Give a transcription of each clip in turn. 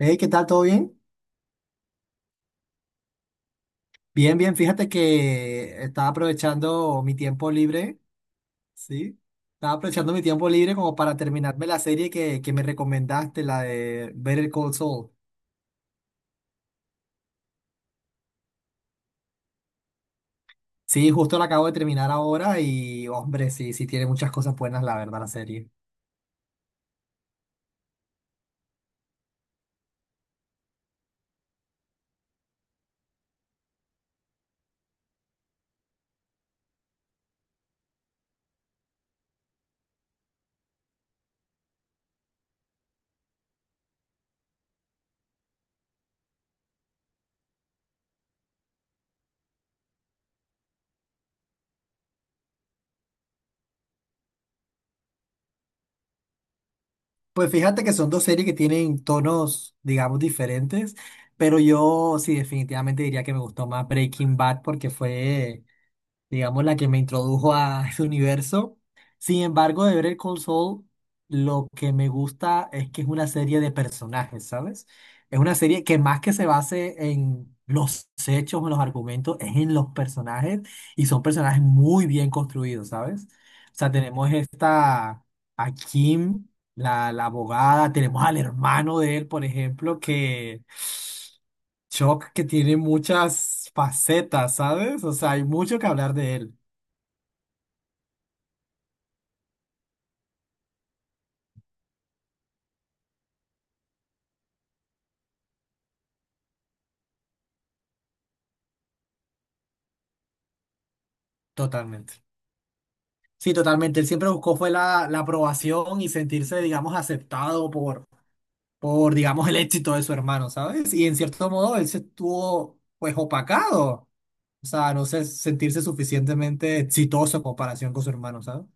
Hey, ¿qué tal? ¿Todo bien? Bien, bien. Fíjate que estaba aprovechando mi tiempo libre, ¿sí? Estaba aprovechando mi tiempo libre como para terminarme la serie que me recomendaste, la de Better Call Saul. Sí, justo la acabo de terminar ahora y, hombre, sí, sí tiene muchas cosas buenas, la verdad, la serie. Pues fíjate que son dos series que tienen tonos, digamos, diferentes, pero yo sí definitivamente diría que me gustó más Breaking Bad porque fue, digamos, la que me introdujo a ese universo. Sin embargo, de ver Call Saul, lo que me gusta es que es una serie de personajes, ¿sabes? Es una serie que más que se base en los hechos o en los argumentos, es en los personajes y son personajes muy bien construidos, ¿sabes? O sea, tenemos esta, a Kim, la abogada, tenemos al hermano de él, por ejemplo, que... Shock que tiene muchas facetas, ¿sabes? O sea, hay mucho que hablar de él. Totalmente. Sí, totalmente. Él siempre buscó fue la aprobación y sentirse, digamos, aceptado por digamos, el éxito de su hermano, ¿sabes? Y en cierto modo él se estuvo, pues, opacado. O sea, no sé, sentirse suficientemente exitoso en comparación con su hermano, ¿sabes?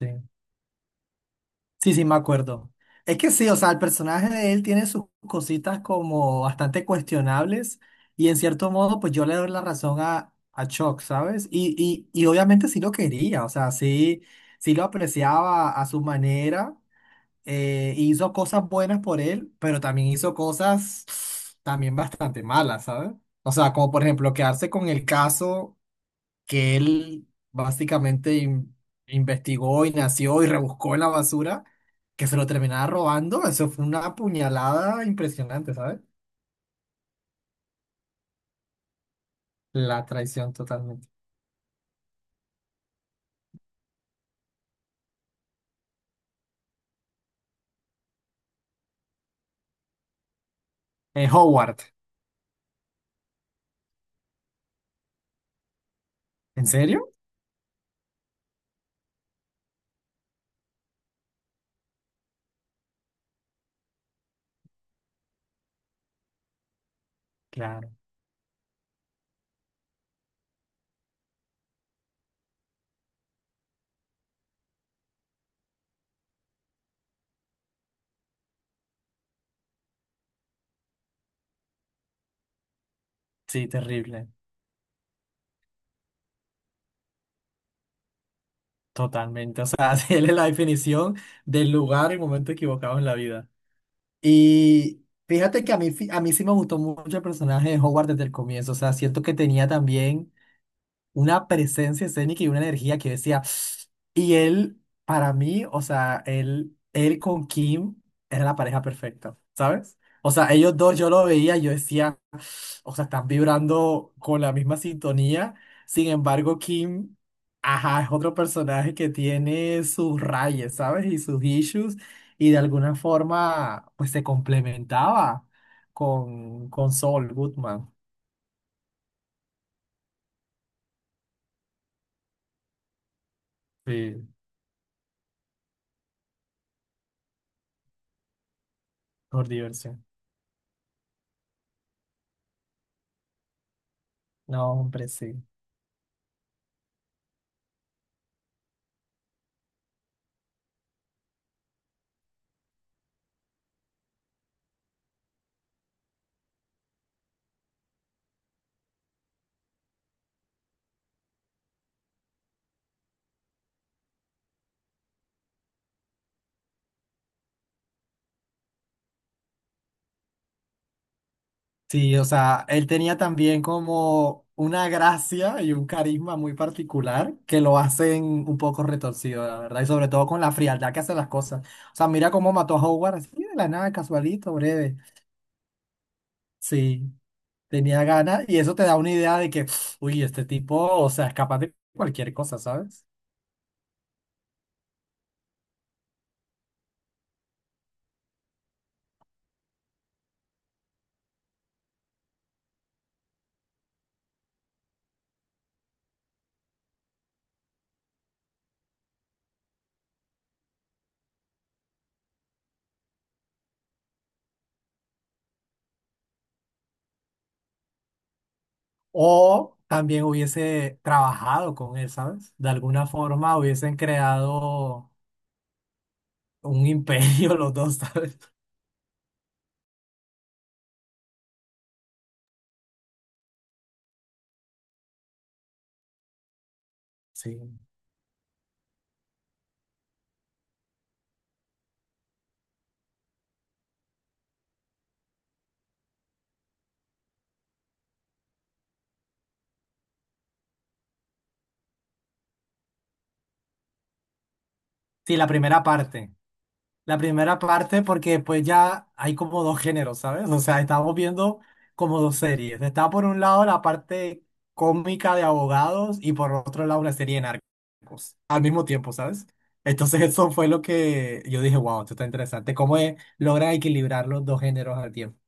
Sí. Sí, sí, me acuerdo. Es que sí, o sea, el personaje de él tiene sus cositas como bastante cuestionables y en cierto modo, pues yo le doy la razón a Chuck, ¿sabes? Y obviamente sí lo quería, o sea, sí, sí lo apreciaba a su manera, hizo cosas buenas por él, pero también hizo cosas también bastante malas, ¿sabes? O sea, como por ejemplo quedarse con el caso que él básicamente investigó y nació y rebuscó en la basura, que se lo terminaba robando, eso fue una puñalada impresionante, ¿sabes? La traición totalmente. Howard, ¿en serio? Claro, sí, terrible, totalmente. O sea, él es la definición del lugar y momento equivocado en la vida. Y fíjate que a mí, a mí sí me gustó mucho el personaje de Howard desde el comienzo, o sea, siento que tenía también una presencia escénica y una energía que decía, y él, para mí, o sea, él con Kim era la pareja perfecta, ¿sabes? O sea, ellos dos yo lo veía, y yo decía, o sea, están vibrando con la misma sintonía, sin embargo, Kim, ajá, es otro personaje que tiene sus rayes, ¿sabes? Y sus issues, y de alguna forma, pues se complementaba con Saul Goodman, sí, por diversión. No, hombre, sí. Sí, o sea, él tenía también como una gracia y un carisma muy particular que lo hacen un poco retorcido, la verdad, y sobre todo con la frialdad que hace las cosas. O sea, mira cómo mató a Howard así de la nada, casualito, breve. Sí, tenía ganas y eso te da una idea de que, uy, este tipo, o sea, es capaz de cualquier cosa, ¿sabes? O también hubiese trabajado con él, ¿sabes? De alguna forma hubiesen creado un imperio los dos, ¿sabes? Sí. Sí, la primera parte. La primera parte porque pues ya hay como dos géneros, ¿sabes? O sea, estamos viendo como dos series. Está por un lado la parte cómica de abogados y por otro lado una serie de narcos al mismo tiempo, ¿sabes? Entonces eso fue lo que yo dije, wow, esto está interesante. ¿Cómo logran equilibrar los dos géneros al tiempo?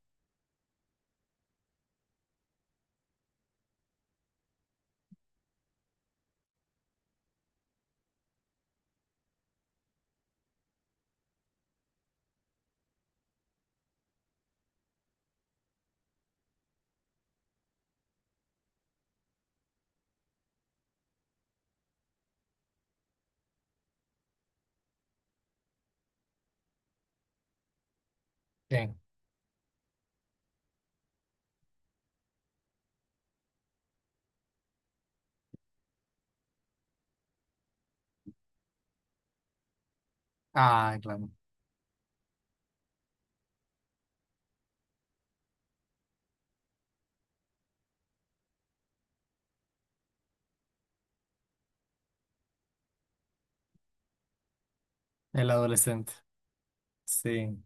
Bien. Ah, claro. El adolescente. Sí.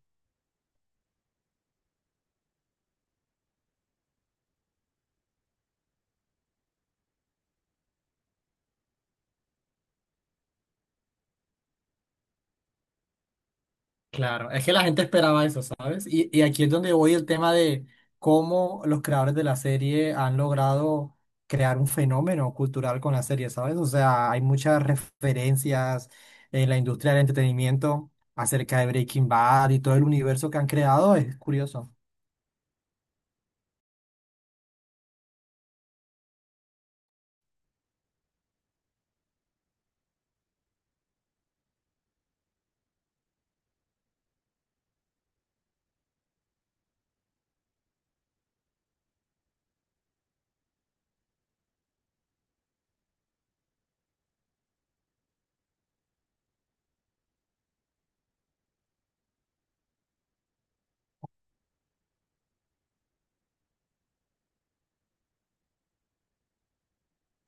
Claro, es que la gente esperaba eso, ¿sabes? Y aquí es donde voy el tema de cómo los creadores de la serie han logrado crear un fenómeno cultural con la serie, ¿sabes? O sea, hay muchas referencias en la industria del entretenimiento acerca de Breaking Bad y todo el universo que han creado, es curioso.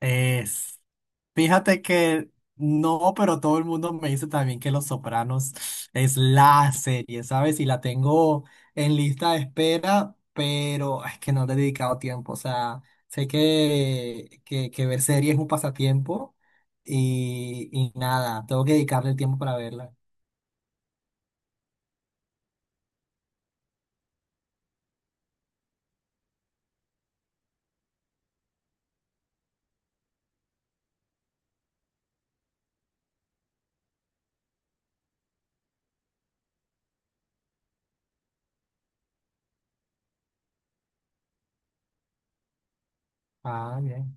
Es, fíjate que no, pero todo el mundo me dice también que Los Sopranos es la serie, ¿sabes? Y la tengo en lista de espera, pero es que no le he dedicado tiempo. O sea, sé que ver series es un pasatiempo y nada, tengo que dedicarle el tiempo para verla. Ah, bien.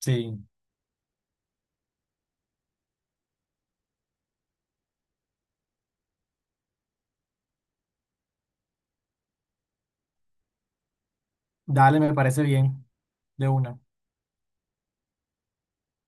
Sí, dale, me parece bien. De una.